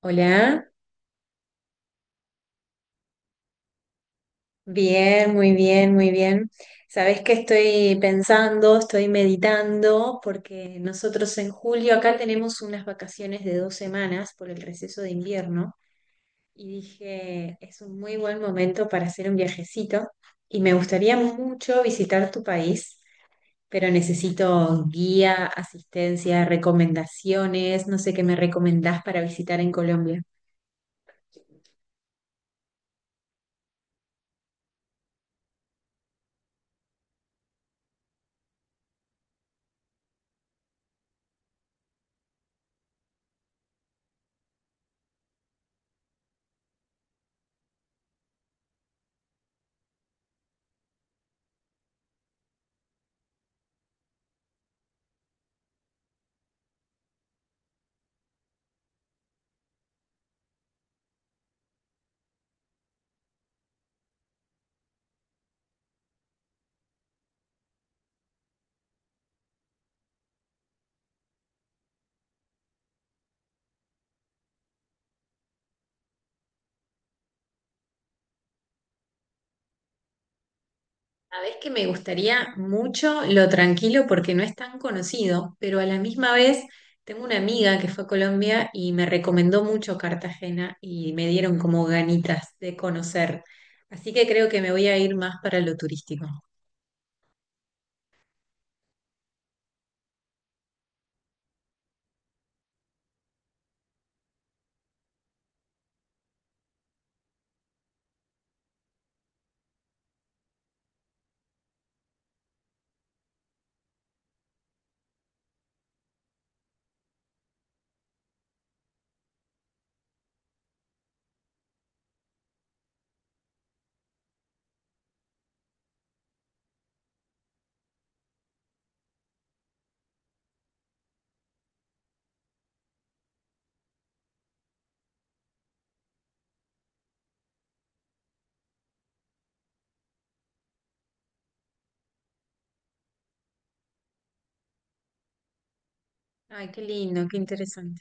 Hola, bien, muy bien, muy bien. Sabés que estoy pensando, estoy meditando, porque nosotros en julio acá tenemos unas vacaciones de 2 semanas por el receso de invierno y dije, es un muy buen momento para hacer un viajecito y me gustaría mucho visitar tu país, pero necesito guía, asistencia, recomendaciones, no sé qué me recomendás para visitar en Colombia. Sabés que me gustaría mucho lo tranquilo porque no es tan conocido, pero a la misma vez tengo una amiga que fue a Colombia y me recomendó mucho Cartagena y me dieron como ganitas de conocer. Así que creo que me voy a ir más para lo turístico. Ay, qué lindo, qué interesante.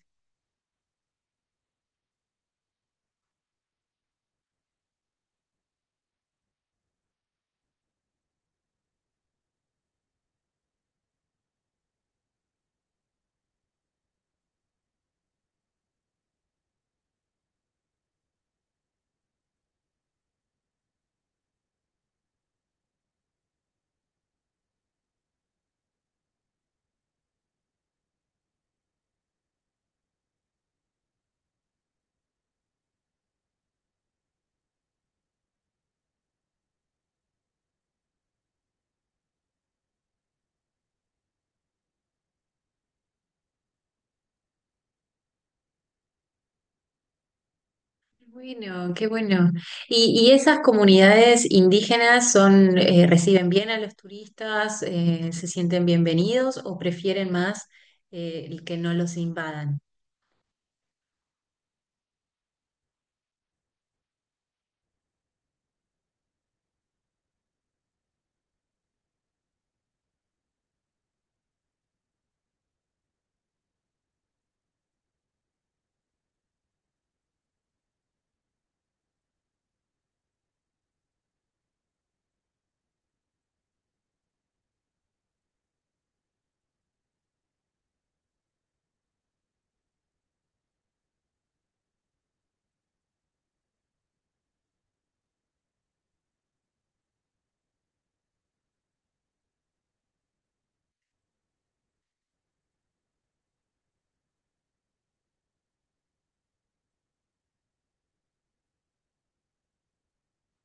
Bueno, qué bueno. ¿Y esas comunidades indígenas reciben bien a los turistas, se sienten bienvenidos o prefieren más que no los invadan?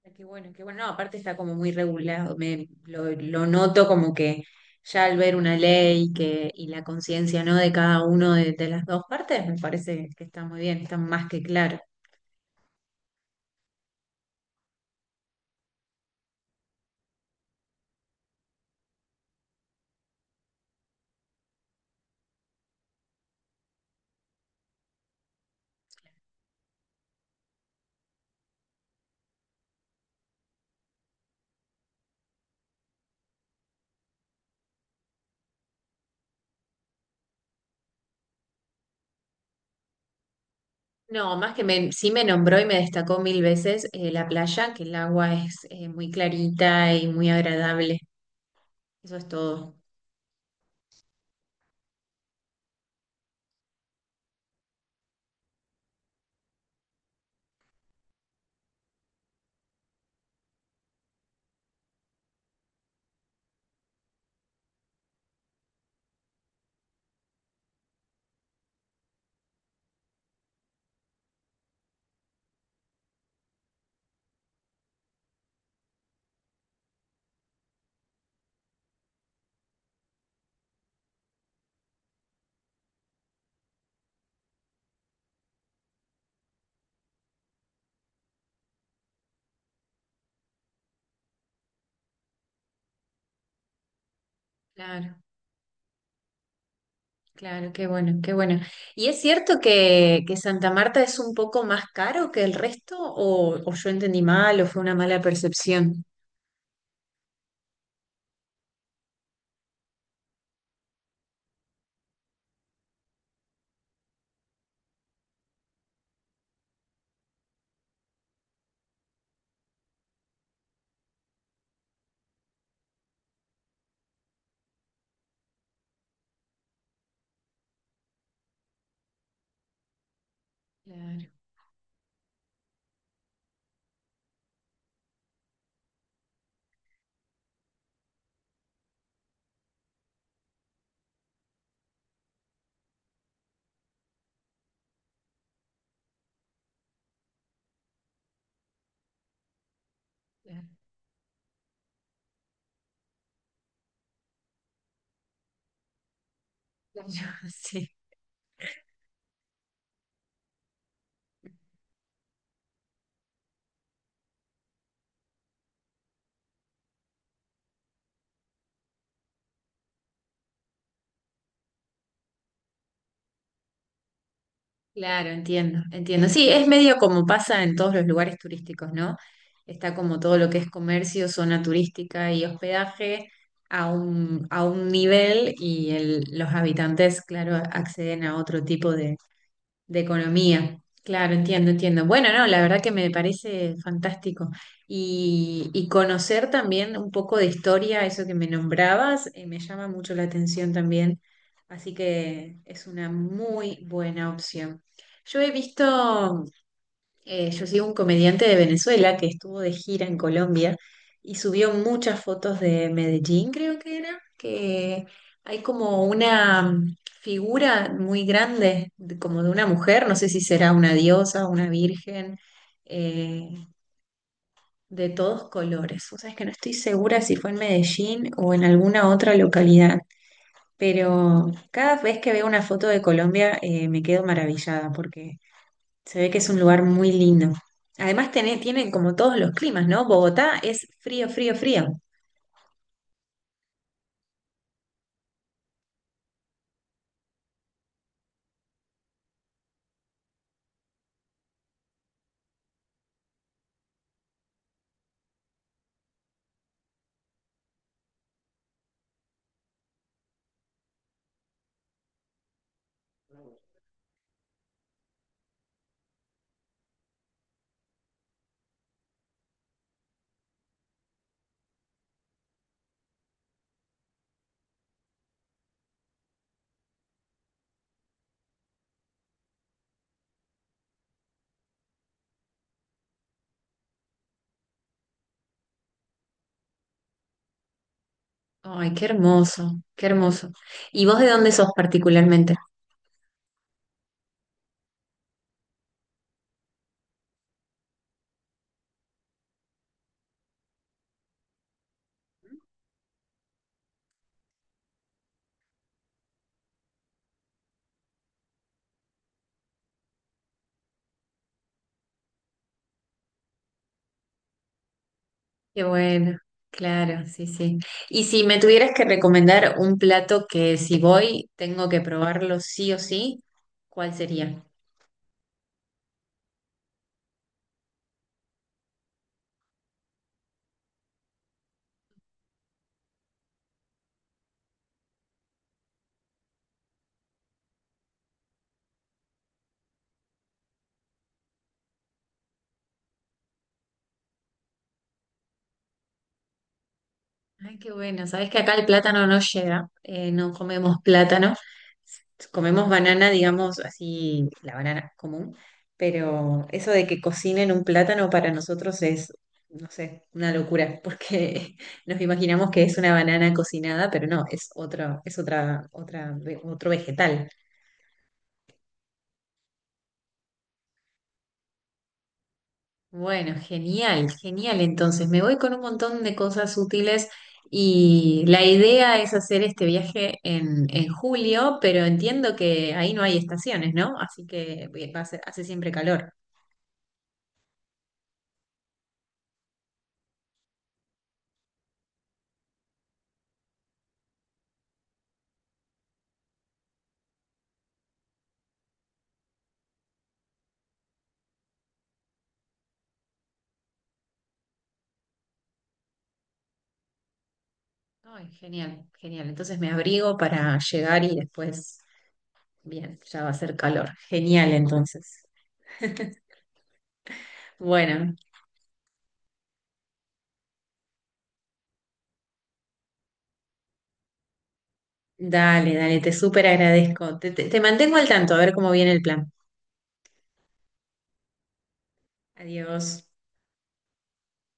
Ah, qué bueno, qué bueno. No, aparte está como muy regulado. Lo noto como que ya al ver una ley y la conciencia, ¿no?, de cada uno de las dos partes. Me parece que está muy bien, está más que claro. No, sí me nombró y me destacó mil veces la playa, que el agua es muy clarita y muy agradable. Eso es todo. Claro, claro, qué bueno, qué bueno. ¿Y es cierto que Santa Marta es un poco más caro que el resto? ¿O yo entendí mal o fue una mala percepción? Claro, claro, claro, sí, claro, entiendo, entiendo. Sí, es medio como pasa en todos los lugares turísticos, ¿no? Está como todo lo que es comercio, zona turística y hospedaje a un nivel, y los habitantes, claro, acceden a otro tipo de economía. Claro, entiendo, entiendo. Bueno, no, la verdad que me parece fantástico. Y conocer también un poco de historia, eso que me nombrabas, me llama mucho la atención también. Así que es una muy buena opción. Yo he visto yo sigo un comediante de Venezuela que estuvo de gira en Colombia y subió muchas fotos de Medellín, creo que era, que hay como una figura muy grande, como de una mujer, no sé si será una diosa, una virgen, eh, de todos colores. O sea, es que no estoy segura si fue en Medellín o en alguna otra localidad, pero cada vez que veo una foto de Colombia, me quedo maravillada porque... se ve que es un lugar muy lindo. Además, tienen como todos los climas, ¿no? Bogotá es frío, frío, frío. Ay, qué hermoso, qué hermoso. ¿Y vos de dónde sos particularmente? Qué bueno, claro, sí, sí. Y si me tuvieras que recomendar un plato que si voy tengo que probarlo sí o sí, ¿cuál sería? Ay, qué bueno. Sabes que acá el plátano no llega, no comemos plátano, comemos banana, digamos así, la banana común, pero eso de que cocinen un plátano para nosotros es, no sé, una locura, porque nos imaginamos que es una banana cocinada, pero no, es otra, otra, otro vegetal. Bueno, genial, genial. Entonces, me voy con un montón de cosas útiles y la idea es hacer este viaje en julio, pero entiendo que ahí no hay estaciones, ¿no? Así que hace siempre calor. Ay, genial, genial. Entonces me abrigo para llegar y después, bien, ya va a ser calor. Genial, entonces. Bueno, dale, dale, te súper agradezco. Te mantengo al tanto, a ver cómo viene el plan. Adiós.